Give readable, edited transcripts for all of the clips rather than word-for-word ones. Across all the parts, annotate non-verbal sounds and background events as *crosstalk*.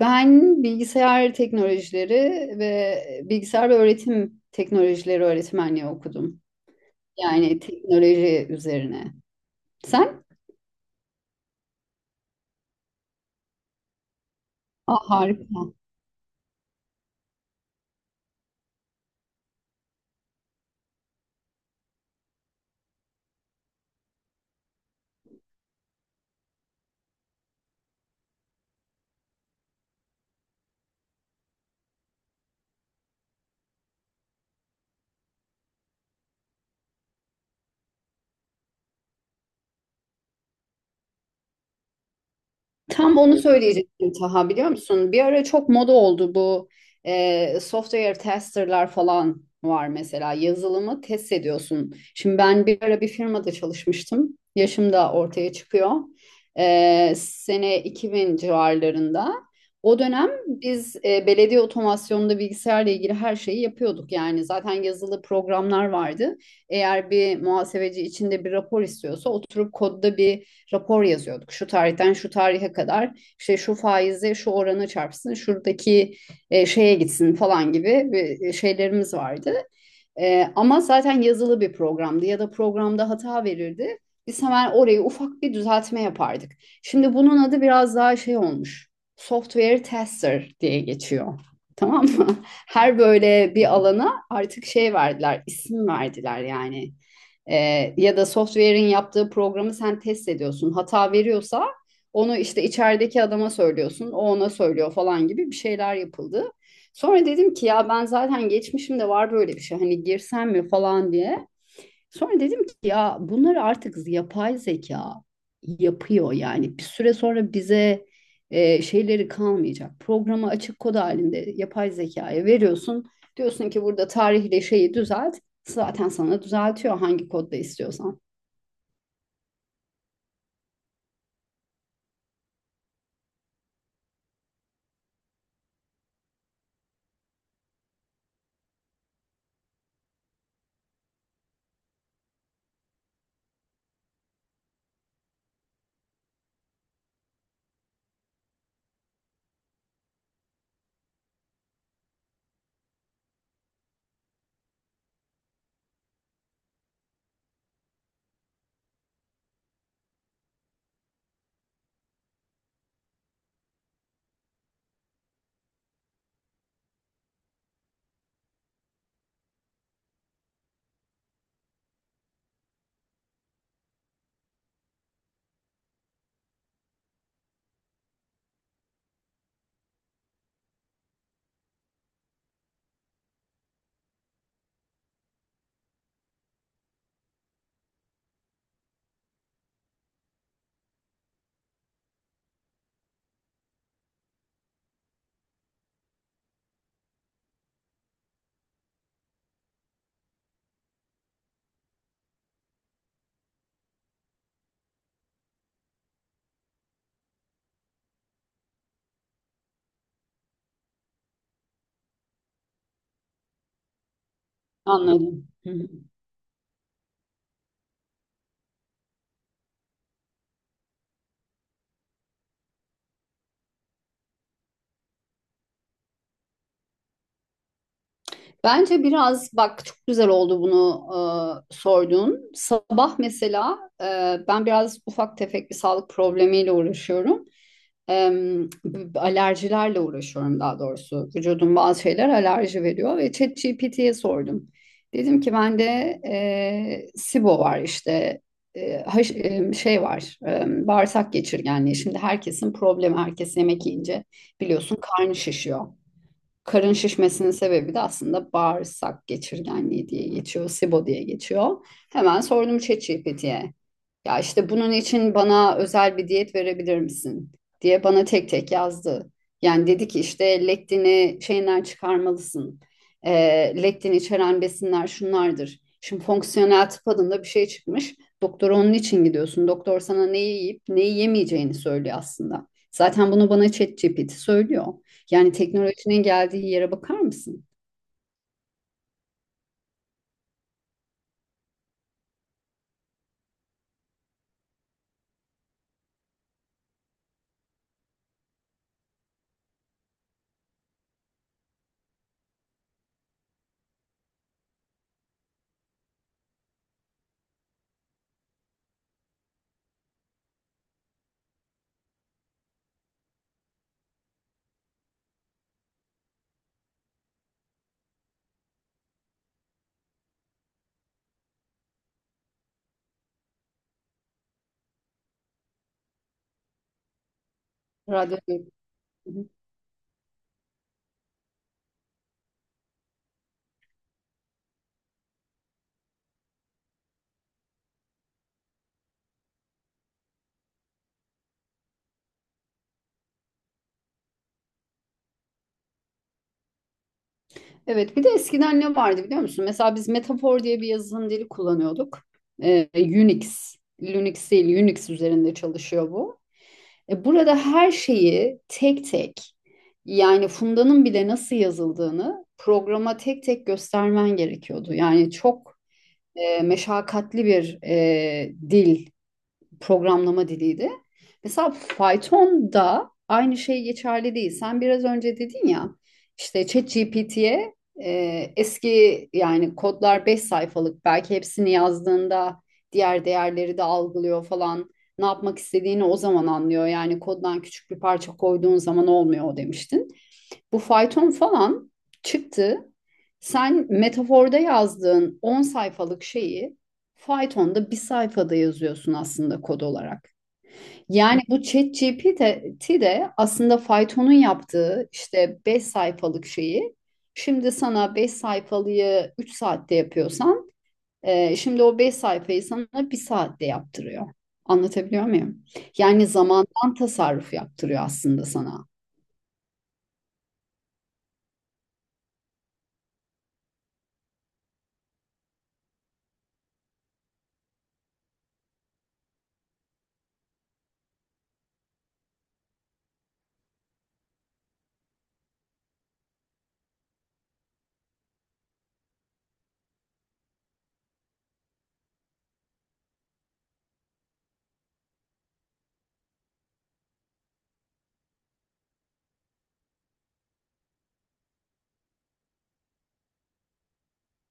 Ben bilgisayar teknolojileri ve bilgisayar ve öğretim teknolojileri öğretmenliği okudum. Yani teknoloji üzerine. Sen? Aa, harika. Tam onu söyleyecektim Taha, biliyor musun? Bir ara çok moda oldu bu software testerlar falan var mesela. Yazılımı test ediyorsun. Şimdi ben bir ara bir firmada çalışmıştım. Yaşım da ortaya çıkıyor. E, sene 2000 civarlarında. O dönem biz belediye otomasyonunda bilgisayarla ilgili her şeyi yapıyorduk. Yani zaten yazılı programlar vardı. Eğer bir muhasebeci içinde bir rapor istiyorsa oturup kodda bir rapor yazıyorduk. Şu tarihten şu tarihe kadar işte şu faize şu oranı çarpsın, şuradaki şeye gitsin falan gibi şeylerimiz vardı. Ama zaten yazılı bir programdı ya da programda hata verirdi. Biz hemen orayı ufak bir düzeltme yapardık. Şimdi bunun adı biraz daha şey olmuş. Software tester diye geçiyor. *laughs* Tamam mı? Her böyle bir alana artık şey verdiler, isim verdiler yani. Ya da software'in yaptığı programı sen test ediyorsun. Hata veriyorsa onu işte içerideki adama söylüyorsun, o ona söylüyor falan gibi bir şeyler yapıldı. Sonra dedim ki ya ben zaten geçmişimde var böyle bir şey, hani girsem mi falan diye. Sonra dedim ki ya bunları artık yapay zeka yapıyor, yani bir süre sonra bize şeyleri kalmayacak. Programı açık kod halinde yapay zekaya veriyorsun. Diyorsun ki burada tarihle şeyi düzelt. Zaten sana düzeltiyor hangi kodda istiyorsan. Anladım. Bence biraz bak, çok güzel oldu bunu sorduğun. Sabah mesela ben biraz ufak tefek bir sağlık problemiyle uğraşıyorum. E, alerjilerle uğraşıyorum daha doğrusu. Vücudum bazı şeyler alerji veriyor ve ChatGPT'ye sordum. Dedim ki bende SIBO var, işte e, haş- şey var, bağırsak geçirgenliği. Şimdi herkesin problemi, herkes yemek yiyince biliyorsun karnı şişiyor. Karın şişmesinin sebebi de aslında bağırsak geçirgenliği diye geçiyor, SIBO diye geçiyor. Hemen sordum ChatGPT'ye. Ya işte bunun için bana özel bir diyet verebilir misin diye bana tek tek yazdı. Yani dedi ki işte lektini şeyinden çıkarmalısın. Lektin içeren besinler şunlardır. Şimdi fonksiyonel tıp adında bir şey çıkmış. Doktora onun için gidiyorsun. Doktor sana neyi yiyip neyi yemeyeceğini söylüyor aslında. Zaten bunu bana ChatGPT söylüyor. Yani teknolojinin geldiği yere bakar mısın? Radyo. Evet, bir de eskiden ne vardı biliyor musun? Mesela biz metafor diye bir yazılım dili kullanıyorduk. Unix, Linux değil, Unix üzerinde çalışıyor bu. E, burada her şeyi tek tek, yani Funda'nın bile nasıl yazıldığını programa tek tek göstermen gerekiyordu. Yani çok meşakkatli bir dil, programlama diliydi. Mesela Python'da aynı şey geçerli değil. Sen biraz önce dedin ya işte ChatGPT'ye eski yani kodlar, 5 sayfalık belki, hepsini yazdığında diğer değerleri de algılıyor falan. Ne yapmak istediğini o zaman anlıyor. Yani koddan küçük bir parça koyduğun zaman olmuyor o demiştin. Bu fayton falan çıktı. Sen metaforda yazdığın 10 sayfalık şeyi Python'da bir sayfada yazıyorsun aslında kod olarak. Yani bu ChatGPT de aslında Python'un yaptığı işte 5 sayfalık şeyi, şimdi sana 5 sayfalığı 3 saatte yapıyorsan şimdi o 5 sayfayı sana 1 saatte yaptırıyor. Anlatabiliyor muyum? Yani zamandan tasarruf yaptırıyor aslında sana.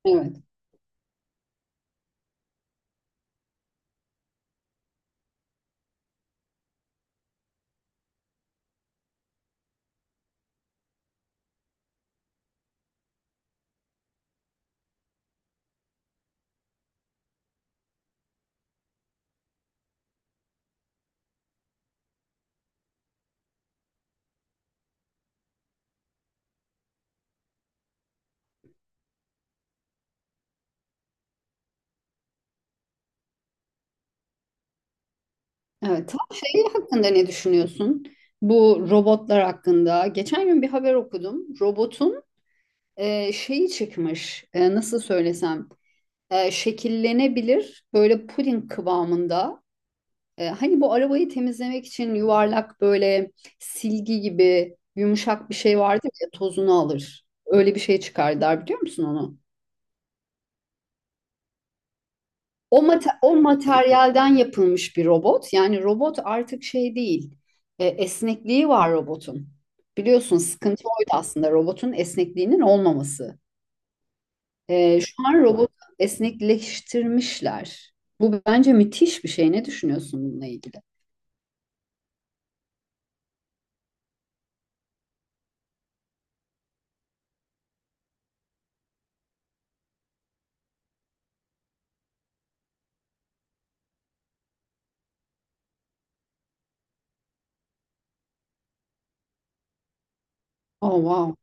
Evet. Evet. Tam şey hakkında ne düşünüyorsun? Bu robotlar hakkında. Geçen gün bir haber okudum. Robotun şeyi çıkmış. E, nasıl söylesem? Şekillenebilir. Böyle puding kıvamında. E, hani bu arabayı temizlemek için yuvarlak böyle silgi gibi yumuşak bir şey vardır ya, tozunu alır. Öyle bir şey çıkardılar, biliyor musun onu? O, o materyalden yapılmış bir robot. Yani robot artık şey değil. E, esnekliği var robotun. Biliyorsun sıkıntı oydu aslında, robotun esnekliğinin olmaması. E, şu an robot esnekleştirmişler. Bu bence müthiş bir şey. Ne düşünüyorsun bununla ilgili? Oh, wow.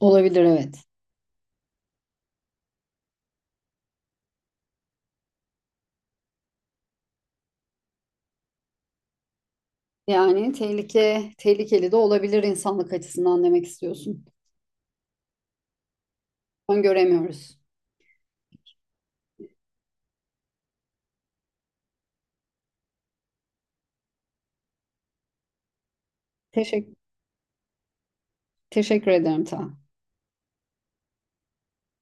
Olabilir, evet. Yani tehlike, tehlikeli de olabilir insanlık açısından demek istiyorsun. Öngöremiyoruz. Teşekkür teşekkür ederim ta.